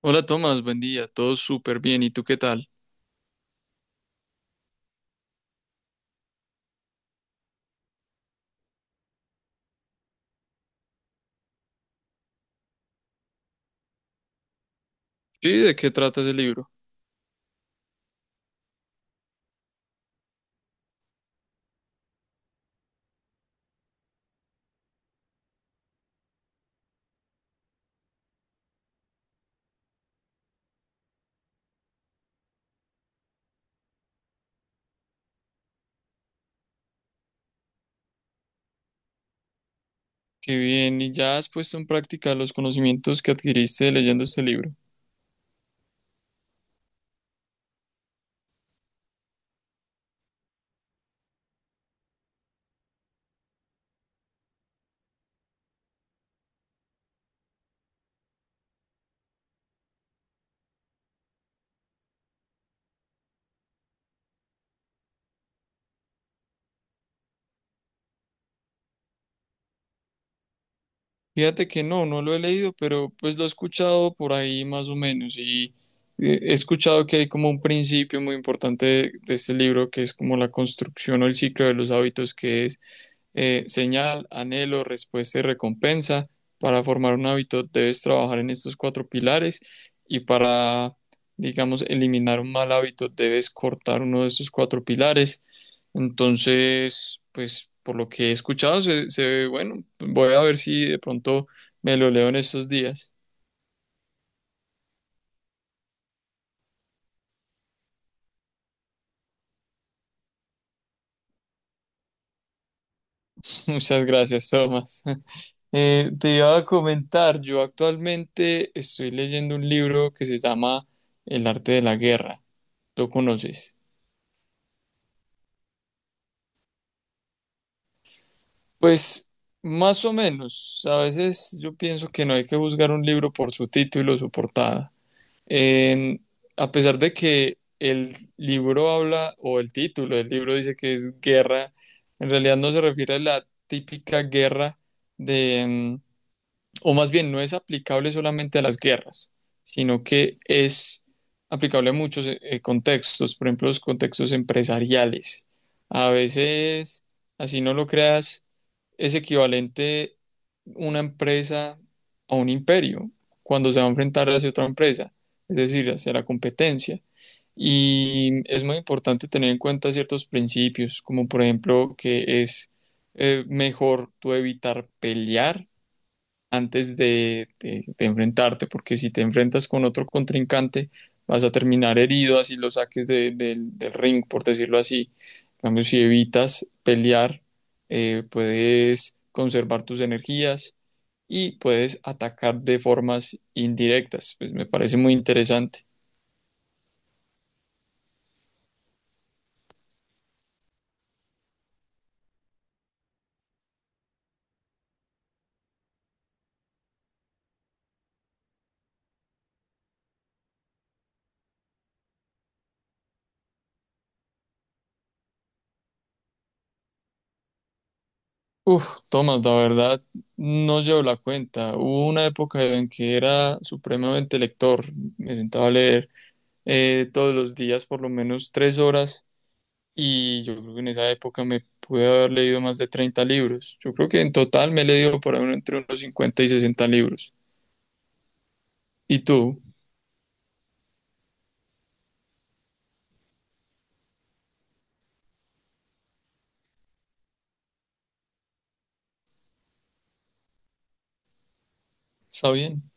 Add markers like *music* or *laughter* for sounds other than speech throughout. Hola Tomás, buen día, todo súper bien, ¿y tú qué tal? Sí, ¿de qué trata ese libro? Qué bien, ¿y ya has puesto en práctica los conocimientos que adquiriste leyendo este libro? Fíjate que no, no lo he leído, pero pues lo he escuchado por ahí más o menos y he escuchado que hay como un principio muy importante de este libro que es como la construcción o el ciclo de los hábitos que es señal, anhelo, respuesta y recompensa. Para formar un hábito debes trabajar en estos cuatro pilares y para, digamos, eliminar un mal hábito debes cortar uno de estos cuatro pilares. Entonces, pues por lo que he escuchado, se ve bueno. Voy a ver si de pronto me lo leo en estos días. *laughs* Muchas gracias, Tomás. *laughs* Te iba a comentar, yo actualmente estoy leyendo un libro que se llama El arte de la guerra. ¿Lo conoces? Pues más o menos. A veces yo pienso que no hay que juzgar un libro por su título o su portada. En- a pesar de que el libro habla, o el título del libro dice que es guerra, en realidad no se refiere a la típica guerra de, mm, o más bien no es aplicable solamente a las guerras, sino que es aplicable a muchos contextos, por ejemplo, los contextos empresariales. A veces, así no lo creas, es equivalente una empresa a un imperio cuando se va a enfrentar hacia otra empresa, es decir, hacia la competencia. Y es muy importante tener en cuenta ciertos principios, como por ejemplo que es mejor tú evitar pelear antes de enfrentarte, porque si te enfrentas con otro contrincante, vas a terminar herido, así lo saques del ring, por decirlo así. En cambio, si evitas pelear, puedes conservar tus energías y puedes atacar de formas indirectas. Pues me parece muy interesante. Uf, Tomás, la verdad, no llevo la cuenta. Hubo una época en que era supremamente lector. Me sentaba a leer todos los días por lo menos 3 horas y yo creo que en esa época me pude haber leído más de 30 libros. Yo creo que en total me he leído por ahí entre unos 50 y 60 libros. ¿Y tú? Está bien,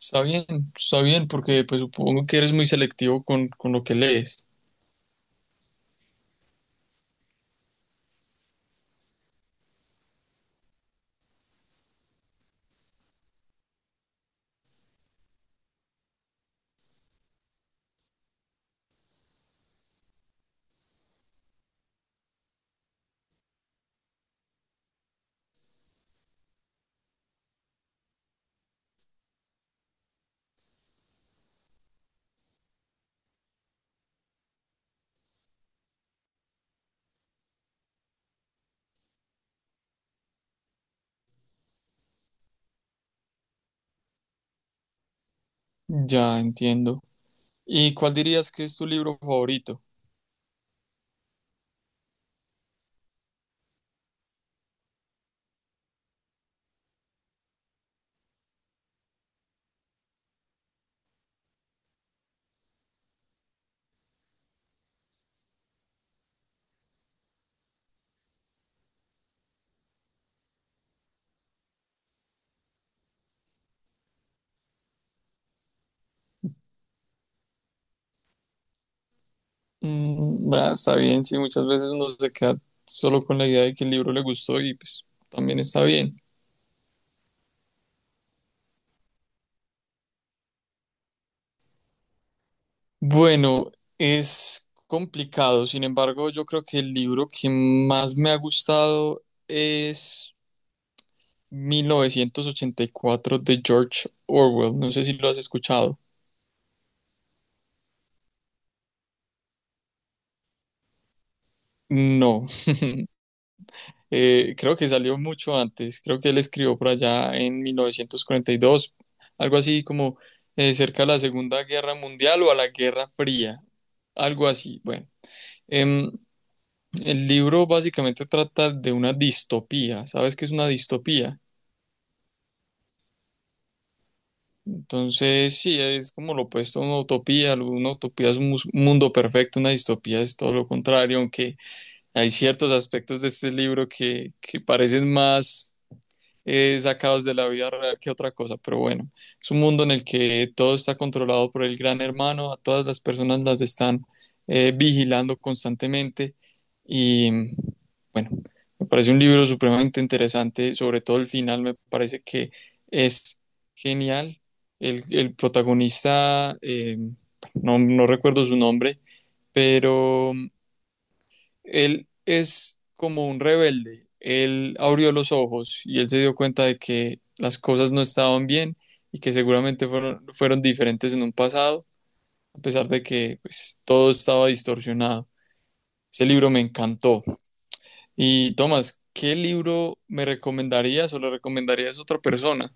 está bien, está bien, porque pues supongo que eres muy selectivo con lo que lees. Ya entiendo. ¿Y cuál dirías que es tu libro favorito? Mm, ah, está bien, sí, muchas veces uno se queda solo con la idea de que el libro le gustó y pues también está bien. Bueno, es complicado, sin embargo, yo creo que el libro que más me ha gustado es 1984 de George Orwell. No sé si lo has escuchado. No, creo que salió mucho antes, creo que él escribió por allá en 1942, algo así como cerca de la Segunda Guerra Mundial o a la Guerra Fría, algo así. Bueno, em, el libro básicamente trata de una distopía. ¿Sabes qué es una distopía? Entonces, sí, es como lo opuesto a una utopía. Una utopía es un un mundo perfecto, una distopía es todo lo contrario, aunque hay ciertos aspectos de este libro que parecen más sacados de la vida real que otra cosa, pero bueno, es un mundo en el que todo está controlado por el gran hermano, a todas las personas las están vigilando constantemente y bueno, me parece un libro supremamente interesante, sobre todo el final me parece que es genial, el protagonista, no, no recuerdo su nombre, pero él es como un rebelde. Él abrió los ojos y él se dio cuenta de que las cosas no estaban bien y que seguramente fueron diferentes en un pasado, a pesar de que pues, todo estaba distorsionado. Ese libro me encantó. Y Tomás, ¿qué libro me recomendarías o le recomendarías a otra persona?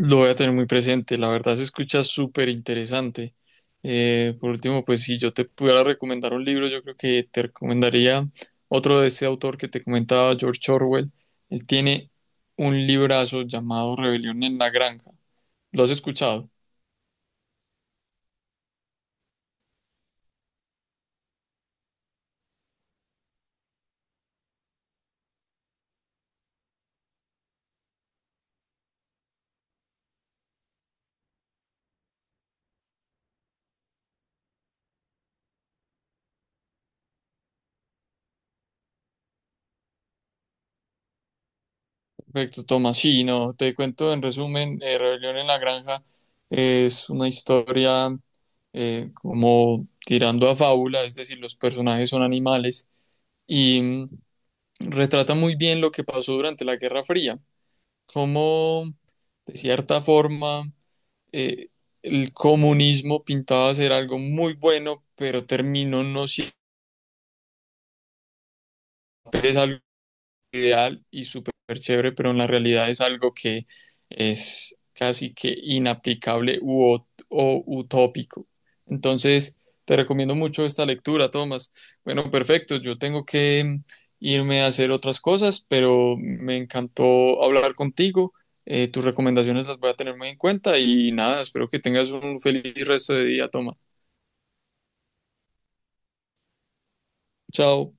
Lo voy a tener muy presente, la verdad se escucha súper interesante. Por último, pues si yo te pudiera recomendar un libro, yo creo que te recomendaría otro de ese autor que te comentaba, George Orwell. Él tiene un librazo llamado Rebelión en la Granja. ¿Lo has escuchado? Perfecto, Tomás. Sí, no, te cuento en resumen, Rebelión en la Granja es una historia como tirando a fábula, es decir, los personajes son animales y retrata muy bien lo que pasó durante la Guerra Fría, cómo de cierta forma eh, el comunismo pintaba ser algo muy bueno, pero terminó no siendo es algo ideal y súper chévere, pero en la realidad es algo que es casi que inaplicable o utópico. Entonces, te recomiendo mucho esta lectura, Tomás. Bueno, perfecto, yo tengo que irme a hacer otras cosas, pero me encantó hablar contigo. Tus recomendaciones las voy a tener muy en cuenta y nada, espero que tengas un feliz resto de día, Tomás. Chao.